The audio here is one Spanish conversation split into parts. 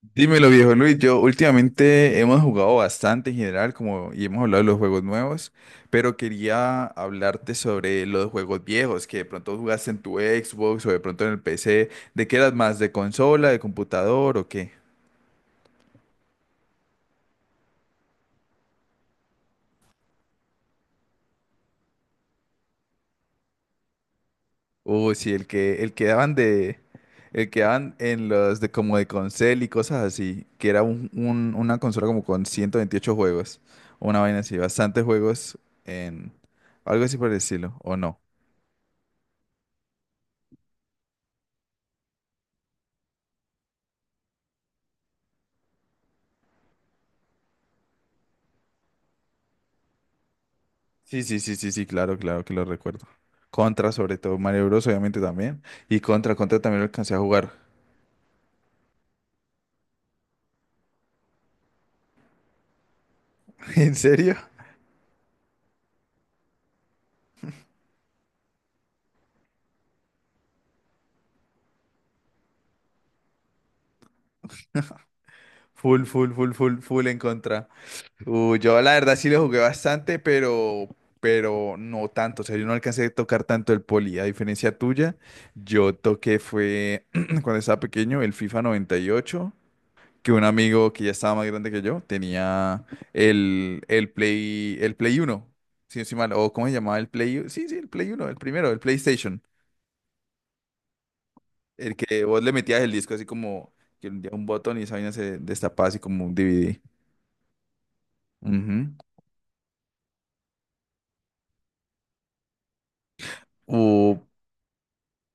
Dímelo, viejo Luis. Yo últimamente hemos jugado bastante en general, como y hemos hablado de los juegos nuevos, pero quería hablarte sobre los juegos viejos que de pronto jugaste en tu Xbox o de pronto en el PC. ¿De qué eras más? ¿De consola, de computador o qué? Sí, el que daban de el que daban en los de como de console y cosas así, que era una consola como con 128 juegos, una vaina así, bastantes juegos en algo así por el estilo, ¿o no? Sí, sí, sí, sí, sí, claro, claro que lo recuerdo. Contra, sobre todo, Mario Bros, obviamente también. Y contra también lo alcancé a jugar. ¿En serio? Full, full, full, full, full en contra. Yo la verdad sí lo jugué bastante, pero no tanto. O sea, yo no alcancé a tocar tanto el poli. A diferencia tuya, yo toqué fue cuando estaba pequeño el FIFA 98 que un amigo que ya estaba más grande que yo tenía el Play uno si no estoy mal, o cómo se llamaba el Play, sí, sí, el Play 1, el primero, el PlayStation, el que vos le metías el disco así como que un día un botón y esa vaina se destapaba así como un DVD. Ujú. O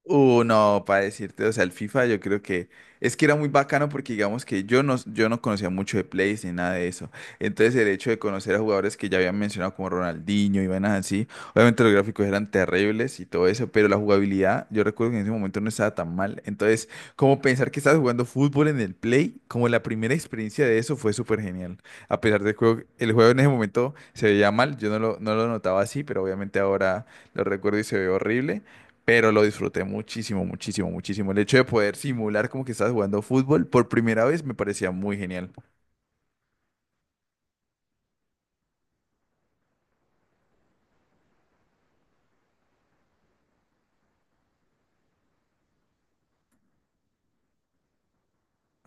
No, para decirte, o sea, el FIFA yo creo que es que era muy bacano porque digamos que yo no conocía mucho de plays ni nada de eso. Entonces el hecho de conocer a jugadores que ya habían mencionado como Ronaldinho y vainas así, obviamente los gráficos eran terribles y todo eso, pero la jugabilidad yo recuerdo que en ese momento no estaba tan mal. Entonces, como pensar que estabas jugando fútbol en el play, como la primera experiencia de eso fue súper genial. A pesar del juego, el juego en ese momento se veía mal, yo no lo, no lo notaba así, pero obviamente ahora lo recuerdo y se ve horrible. Pero lo disfruté muchísimo, muchísimo, muchísimo. El hecho de poder simular como que estás jugando fútbol por primera vez me parecía muy genial.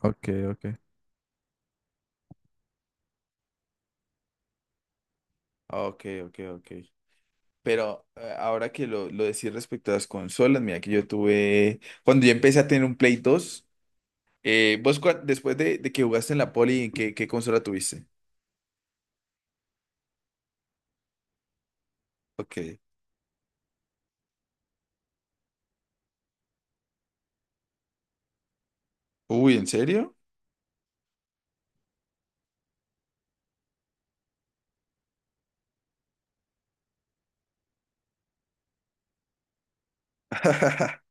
Ok, ok. Ok, ok, ok. Pero ahora que lo decís respecto a las consolas, mira que yo tuve, cuando yo empecé a tener un Play 2, después de, que jugaste en la Poli, ¿en qué consola tuviste? Ok. Uy, ¿en serio?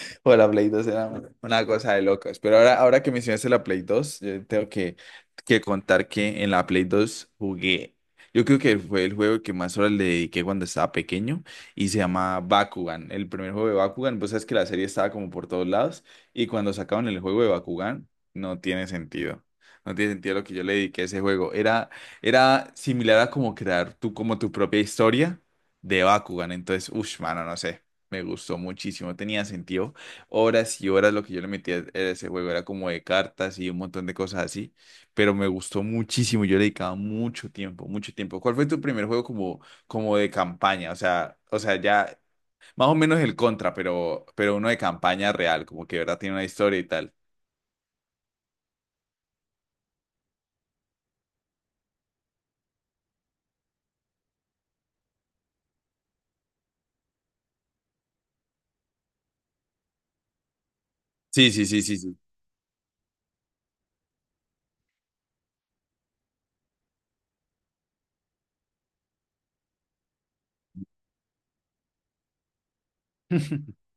O La Play 2 era una cosa de locos. Pero ahora que mencionaste la Play 2, yo tengo que contar que en la Play 2 jugué. Yo creo que fue el juego que más horas le dediqué cuando estaba pequeño y se llama Bakugan. El primer juego de Bakugan, pues sabes que la serie estaba como por todos lados y cuando sacaban el juego de Bakugan, no tiene sentido. No tiene sentido lo que yo le dediqué a ese juego. Era similar a como crear tú como tu propia historia de Bakugan. Entonces, uff, mano, no sé. Me gustó muchísimo. Tenía sentido horas y horas lo que yo le metía a ese juego, era como de cartas y un montón de cosas así, pero me gustó muchísimo, yo le dedicaba mucho tiempo, mucho tiempo. ¿Cuál fue tu primer juego como de campaña? O sea, ya más o menos el Contra, pero uno de campaña real, como que de verdad tiene una historia y tal. Sí, sí, sí, sí, sí.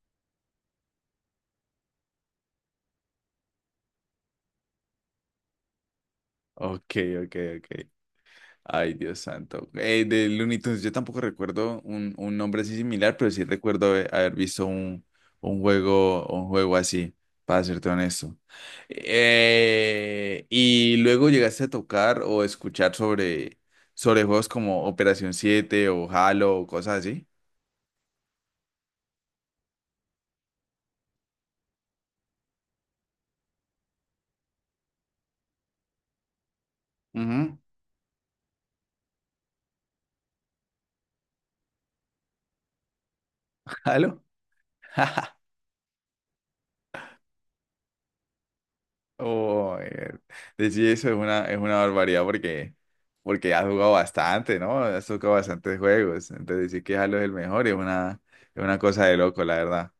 Ok, ok, ok. Ay, Dios santo. De Looney Tunes, yo tampoco recuerdo un nombre así similar, pero sí recuerdo haber visto un juego así, para serte honesto. Y luego llegaste a tocar o escuchar sobre juegos como Operación Siete o Halo o cosas así. Ujú. ¿Halo? Oh, decir eso es una, barbaridad porque has jugado bastante, ¿no? Has tocado bastantes juegos. Entonces decir que Halo es el mejor es una cosa de loco, la verdad.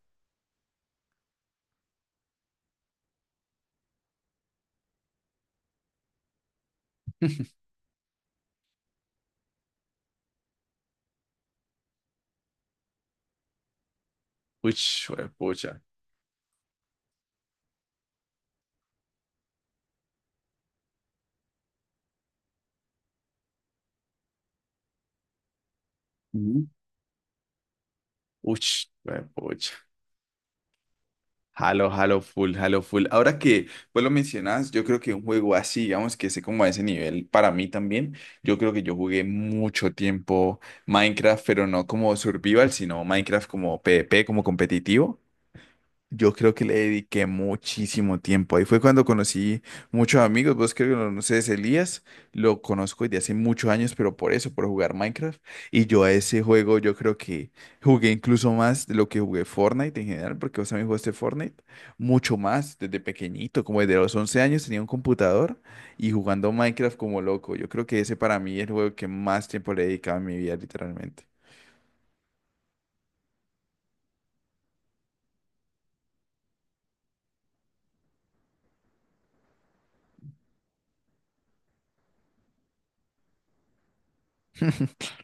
Uch, pucha. Ujú. Uch, pucha. Halo, Halo full, Halo full. Ahora que pues lo mencionas, yo creo que un juego así, digamos que sé como a ese nivel, para mí también, yo creo que yo jugué mucho tiempo Minecraft, pero no como survival, sino Minecraft como PvP, como competitivo. Yo creo que le dediqué muchísimo tiempo. Ahí fue cuando conocí muchos amigos. Vos creo que lo conoces, Elías. Lo conozco desde hace muchos años, pero por eso, por jugar Minecraft. Y yo a ese juego, yo creo que jugué incluso más de lo que jugué Fortnite en general, porque vos también jugaste Fortnite mucho más desde pequeñito, como desde los 11 años tenía un computador y jugando Minecraft como loco. Yo creo que ese para mí es el juego que más tiempo le he dedicado en mi vida, literalmente.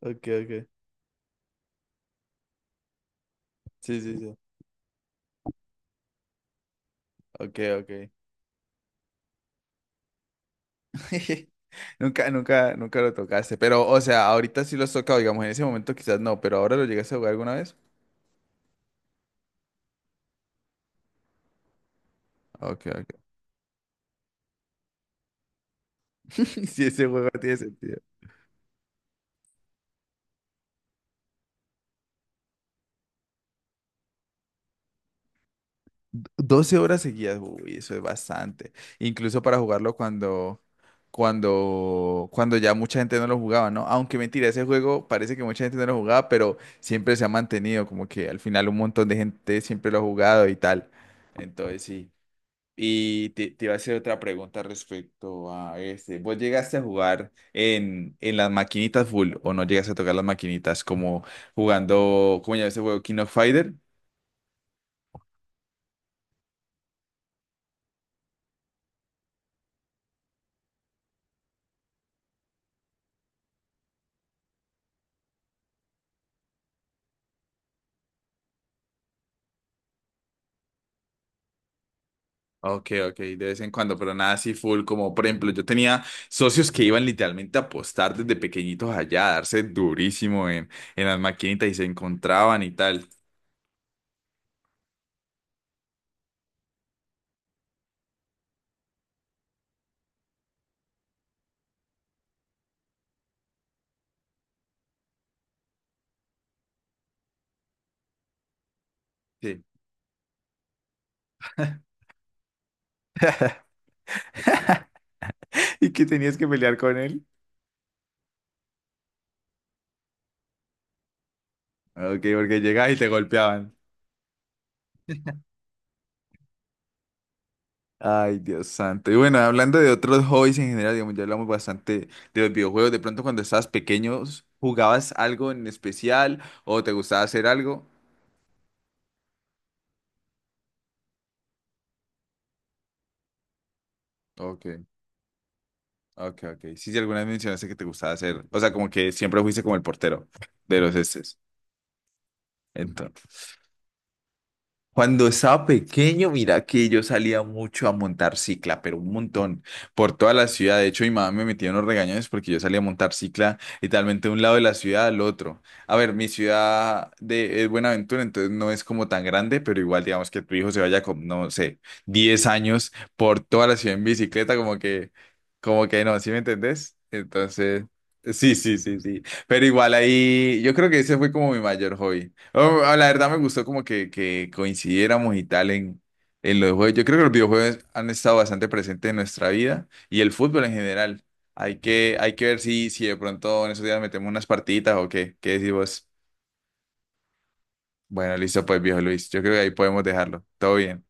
Ok, ok. Sí, sí, sí. Ok, ok. Nunca, nunca, nunca lo tocaste. Pero, o sea, ahorita sí lo has tocado, digamos, en ese momento quizás no, pero ahora lo llegaste a jugar alguna vez. Ok, ok. Si ese juego tiene sentido. 12 horas seguidas, uy, eso es bastante. Incluso para jugarlo cuando ya mucha gente no lo jugaba, ¿no? Aunque mentira, ese juego parece que mucha gente no lo jugaba, pero siempre se ha mantenido, como que al final un montón de gente siempre lo ha jugado y tal. Entonces sí. Y te iba a hacer otra pregunta respecto a este. ¿Vos llegaste a jugar en las maquinitas full o no llegaste a tocar las maquinitas como jugando, como ya ese juego King of Fighter? Ok, ok, de vez en cuando, pero nada así full, como por ejemplo, yo tenía socios que iban literalmente a apostar desde pequeñitos allá, a darse durísimo en las maquinitas y se encontraban y tal. Sí. Y que tenías que pelear con él. Ok, porque llegaba y te golpeaban. Ay, Dios santo. Y bueno, hablando de otros hobbies en general, digamos, ya hablamos bastante de los videojuegos. De pronto, cuando estabas pequeño, ¿jugabas algo en especial o te gustaba hacer algo? Ok, ok, ok. Sí, sí, alguna vez mencionaste que te gustaba hacer. O sea, como que siempre fuiste como el portero de los estes. Cuando estaba pequeño, mira que yo salía mucho a montar cicla, pero un montón, por toda la ciudad. De hecho, mi mamá me metía unos regañones porque yo salía a montar cicla literalmente de un lado de la ciudad al otro. A ver, mi ciudad de, es Buenaventura, entonces no es como tan grande, pero igual digamos que tu hijo se vaya con, no sé, 10 años por toda la ciudad en bicicleta, como que no, ¿sí me entendés? Entonces, sí, sí, sí, sí. Pero igual ahí, yo creo que ese fue como mi mayor hobby. O la verdad me gustó como que coincidiéramos y tal en los juegos. Yo creo que los videojuegos han estado bastante presentes en nuestra vida y el fútbol en general. Hay que ver si de pronto en esos días metemos unas partiditas o qué. ¿Qué decís vos? Bueno, listo pues, viejo Luis. Yo creo que ahí podemos dejarlo. Todo bien.